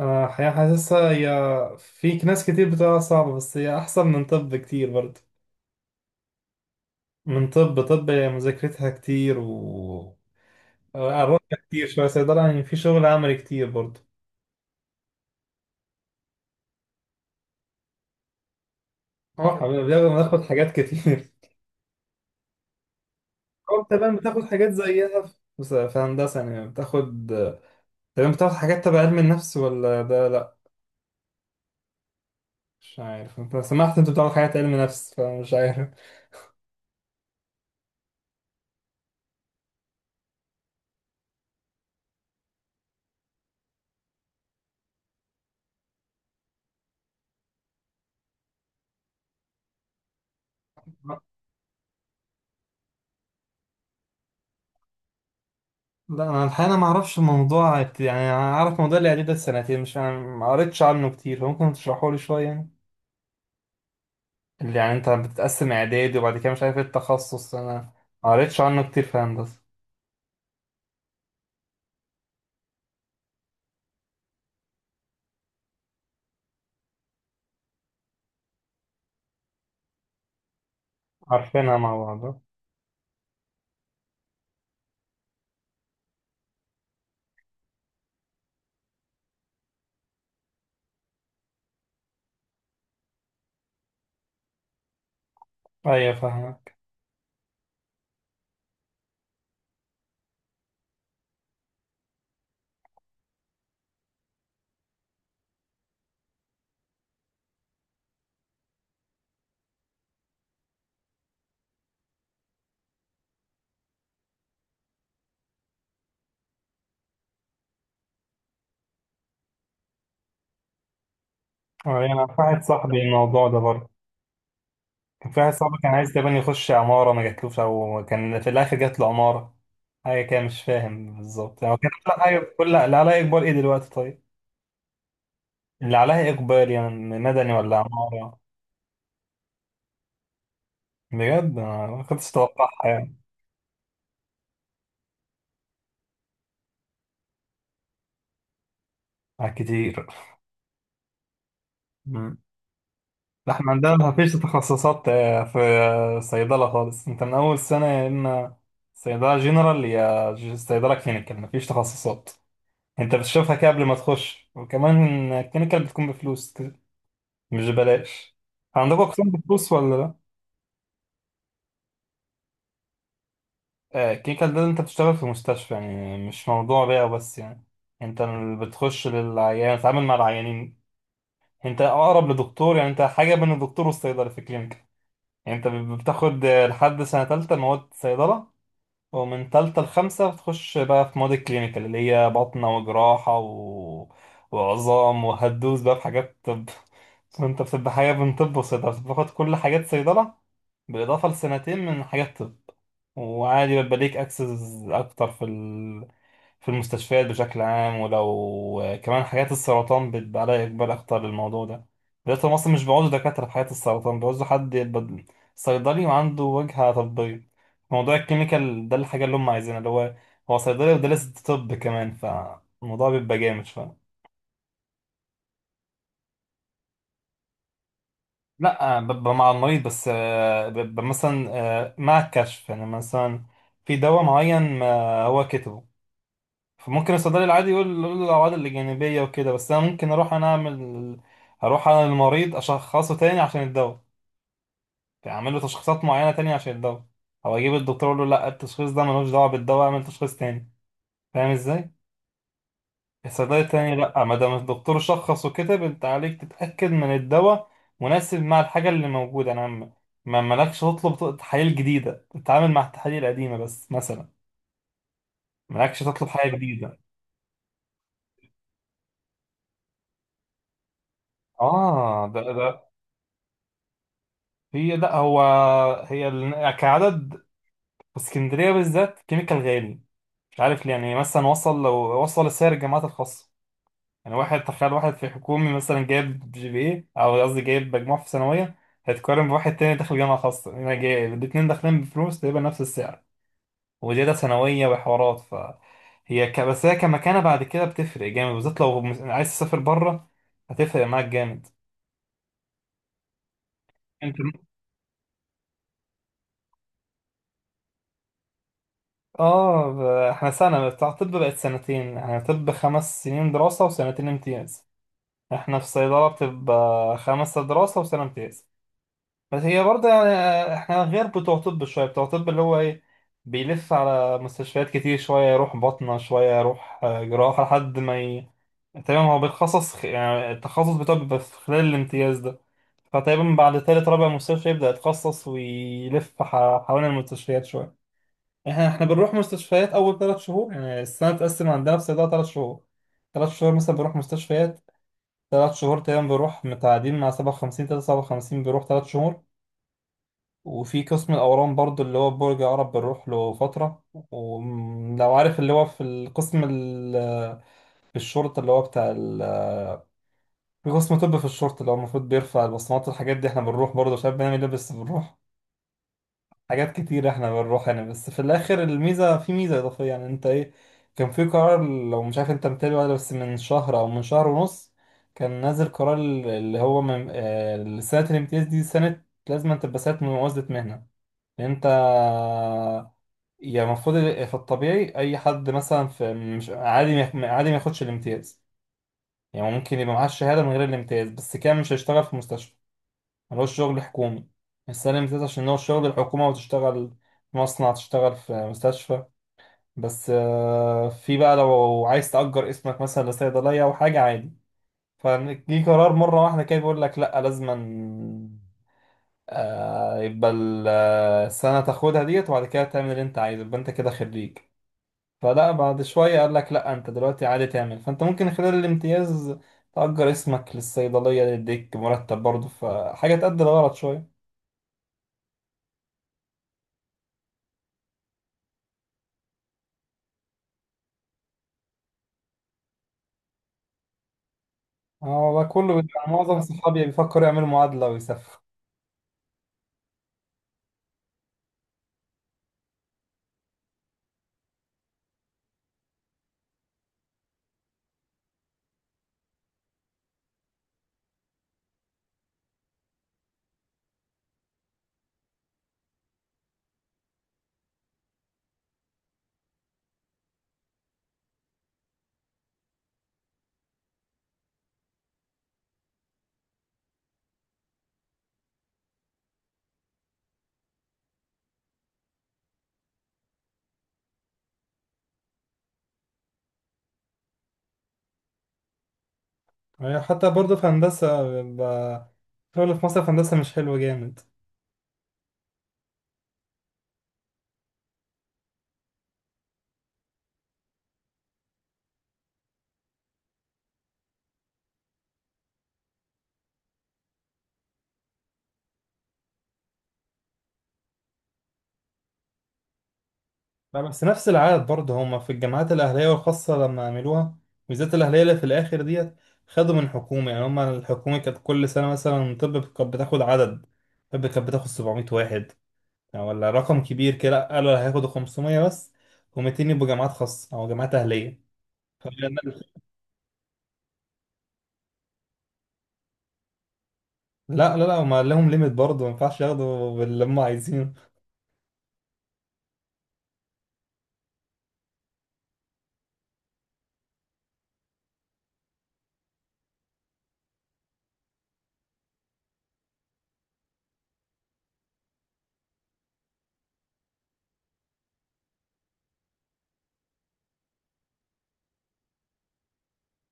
آه، حقيقة حاسسها هي. فيك ناس كتير بتقولها صعبة، بس هي أحسن من طب كتير برضه. من طب هي مذاكرتها كتير. و أروح كتير شوية. صيدلة يعني في شغل عملي كتير برضه. اه حبيبي، بناخد حاجات كتير. أو تمام، بتاخد حاجات زيها في في هندسة، يعني بتاخد. تمام، بتاخد حاجات تبع علم النفس ولا ده لأ؟ مش عارف أنت سمعت، أنت بتاخد حاجات علم نفس فمش عارف. لا، انا الحقيقه انا ما اعرفش الموضوع. يعني انا اعرف موضوع الاعداد ده سنتين، مش ما قريتش عنه كتير، فممكن تشرحه لي شويه يعني. اللي يعني انت بتتقسم اعدادي وبعد كده مش عارف ايه التخصص، انا ما قريتش عنه كتير في هندسه. عارفينها مع بعض. ايوه فاهمك. أه، انا يعني في واحد صاحبي الموضوع ده برضه. كان في واحد صاحبي كان عايز تقريبا يخش عماره، ما جاتلوش، او كان في الاخر جات له عماره. حاجه كده، مش فاهم بالظبط. يعني هو كان لا حاجه. كل اللي عليا اكبر ايه دلوقتي؟ طيب، اللي عليا اكبر يعني مدني ولا عماره؟ بجد أنا ما كنتش اتوقعها يعني. على كتير. مم. لا، احنا عندنا ما فيش تخصصات. في صيدلة خالص انت من اول سنة، يا اما صيدلة جنرال يا صيدلة كلينيكال. ما فيش تخصصات، انت بتشوفها كده قبل ما تخش. وكمان الكلينيكال بتكون بفلوس كده، مش ببلاش. عندكم اقسام بفلوس ولا لا؟ الكلينيكال ده انت بتشتغل في مستشفى، يعني مش موضوع بيع بس. يعني انت اللي بتخش للعيان، بتتعامل مع العيانين. انت اقرب لدكتور، يعني انت حاجه بين الدكتور والصيدلي في الكلينيك. يعني انت بتاخد لحد سنه ثالثه مواد صيدله، ومن ثالثه لخمسه بتخش بقى في مواد الكلينيكال اللي هي بطنه وجراحه وعظام، وهتدوس بقى في حاجات طب. فانت بتبقى حاجه بين طب وصيدله، بتاخد كل حاجات صيدله بالاضافه لسنتين من حاجات طب. وعادي بيبقى ليك اكسس اكتر في في المستشفيات بشكل عام. ولو كمان حالات السرطان بيبقى عليها إقبال أكتر للموضوع ده. دلوقتي هم أصلا مش بيعوزوا دكاترة في حالات السرطان، بيعوزوا حد يبقى صيدلي وعنده وجهة طبية. موضوع الكيميكال ده الحاجة اللي هم عايزينها، اللي هو هو صيدلي ودارس طب كمان، فالموضوع بيبقى جامد شوية. لا، ببقى مع المريض بس. ببقى مثلا مع الكشف. يعني مثلا في دواء معين هو كتبه، فممكن الصيدلي العادي يقول له الأعراض الجانبية وكده، بس أنا ممكن أروح أنا أعمل. هروح أنا للمريض أشخصه تاني عشان الدواء. يعني أعمل له تشخيصات معينة تانية عشان الدواء. أو أجيب الدكتور أقول له لأ، التشخيص ده ملوش دعوة بالدواء، أعمل تشخيص تاني. فاهم إزاي؟ الصيدلي التاني لأ، ما دام الدكتور شخص وكتب، أنت عليك تتأكد من الدواء مناسب مع الحاجة اللي موجودة. ما مالكش تطلب تحاليل جديدة، تتعامل مع التحاليل القديمة بس مثلا، مالكش تطلب حاجة جديدة. آه ده. هي لا، هو هي كعدد، في اسكندريه بالذات كيميكال غالي، مش عارف ليه. يعني مثلا وصل، لو وصل لسعر الجامعات الخاصه، يعني واحد تخيل، واحد في حكومي مثلا جايب جي بي اي، او قصدي جايب مجموع في ثانويه، هيتقارن بواحد تاني داخل جامعه خاصه هنا جايب، الاتنين داخلين بفلوس تقريبا نفس السعر وزياده ثانويه وحوارات. فهي بس هي كمكانه بعد كده بتفرق جامد، بالذات لو عايز تسافر بره، هتفرق معاك جامد. اه ب- احنا سنة بتاع طب بقت سنتين، يعني طب 5 سنين دراسة وسنتين امتياز. احنا في صيدلة بتبقى خمسة دراسة وسنة امتياز. بس هي برضه يعني احنا غير بتوع طب شوية. بتوع طب اللي هو ايه، بيلف على مستشفيات كتير شوية، يروح باطنة شوية، يروح جراحة، لحد ما تقريبا هو بيتخصص. يعني التخصص بتاعه بيبقى في خلال الامتياز ده. فتقريبا بعد تالت رابع مستشفى يبدأ يتخصص، ويلف حوالين المستشفيات شوية. احنا بنروح مستشفيات اول 3 شهور، يعني السنه بتتقسم عندنا في صيدله 3 شهور. ثلاث شهور مثلا بروح مستشفيات، 3 شهور تقريبا بروح متعادين مع 57، تلاتة 57 بيروح 3 شهور. وفي قسم الاورام برضو اللي هو برج عرب بنروح له فتره. ولو عارف اللي هو في القسم في الشرطه اللي هو بتاع في قسم طب في الشرطه، اللي هو المفروض بيرفع البصمات والحاجات دي، احنا بنروح برضه شباب، بنعمل لبس، بنروح حاجات كتير، احنا بنروح يعني. بس في الاخر الميزه، في ميزه اضافيه، يعني انت ايه، كان في قرار. لو مش عارف انت متابع ولا، بس من شهر او من شهر ونص كان نازل قرار اللي هو من سنه الامتياز دي سنه، لازم أن تبقى سنه ممازه مهنه. لأن انت يعني المفروض في الطبيعي اي حد مثلا في مش عادي عادي ما ياخدش الامتياز، يعني ممكن يبقى معاه الشهاده من غير الامتياز، بس كان مش هيشتغل في مستشفى، ملوش شغل حكومي. السلم ذات عشان هو شغل الحكومة، وتشتغل في مصنع، تشتغل في مستشفى. بس في بقى لو عايز تأجر اسمك مثلا لصيدلية أو حاجة، عادي. فجي قرار مرة واحدة كده بيقول لك لأ، لازما يبقى السنة تاخدها ديت وبعد كده تعمل اللي أنت عايزه، يبقى أنت كده خريج. فلا بعد شوية قال لك لأ، أنت دلوقتي عادي تعمل، فأنت ممكن خلال الامتياز تأجر اسمك للصيدلية، يديك مرتب برضه، فحاجة تأدي الغرض شوية. اه والله كله بيبقى، معظم صحابي بيفكروا يعملوا معادلة ويسافروا. يعني حتى برضه في هندسة بيبقى الشغل في مصر في هندسة مش حلو جامد. لا، بس نفس العدد برضه هما في الجامعات الأهلية والخاصة لما عملوها، بالذات الأهلية اللي في الآخر ديت خدوا من حكومة. يعني هما الحكومة كانت كل سنة مثلا طب كانت بتاخد عدد، طب كانت بتاخد 700 واحد يعني، ولا رقم كبير كده، قالوا هياخدوا 500 بس، و200 يبقوا جامعات خاصة أو جامعات أهلية. لا لا لا، هم لهم ليميت برضه، ما ينفعش ياخدوا باللي هم عايزينه.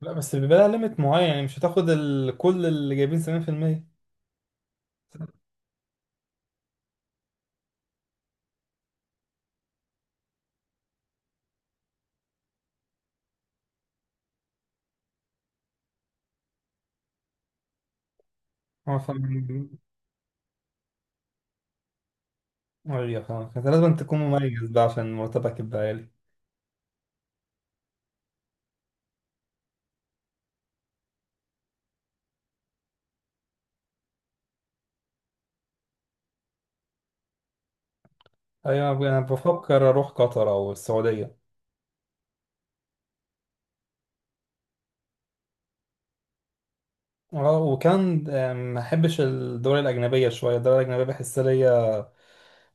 لا بس بيبقى لها ليميت معين، يعني مش هتاخد كل اللي جايبين 70%. اه فاهم. ايوه فاهم، انت لازم تكون مميز بقى عشان مرتبك يبقى عالي. ايوه انا بفكر اروح قطر او السعوديه. اه، وكان ما احبش الدول الاجنبيه شويه. الدول الاجنبيه بحس ليا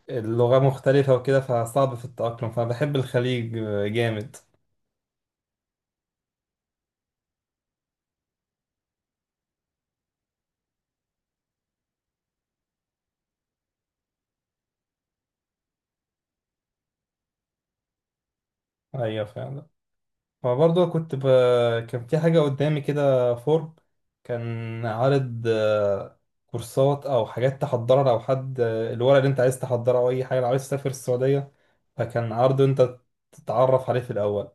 اللغه مختلفه وكده، فصعب في التاقلم، فبحب الخليج جامد. ايوه فاهم. فبرضه كان في حاجة قدامي كده فورم، كان عارض كورسات أو حاجات تحضرها لو حد، الورق اللي أنت عايز تحضره أو أي حاجة لو عايز تسافر السعودية، فكان عرض أنت تتعرف عليه في الأول.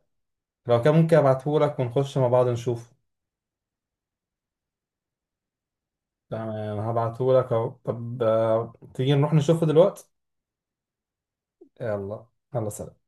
لو كان ممكن أبعتهولك ونخش مع بعض نشوفه. تمام هبعتهولك أهو. طب تيجي نروح نشوفه دلوقتي. يلا. يلا سلام.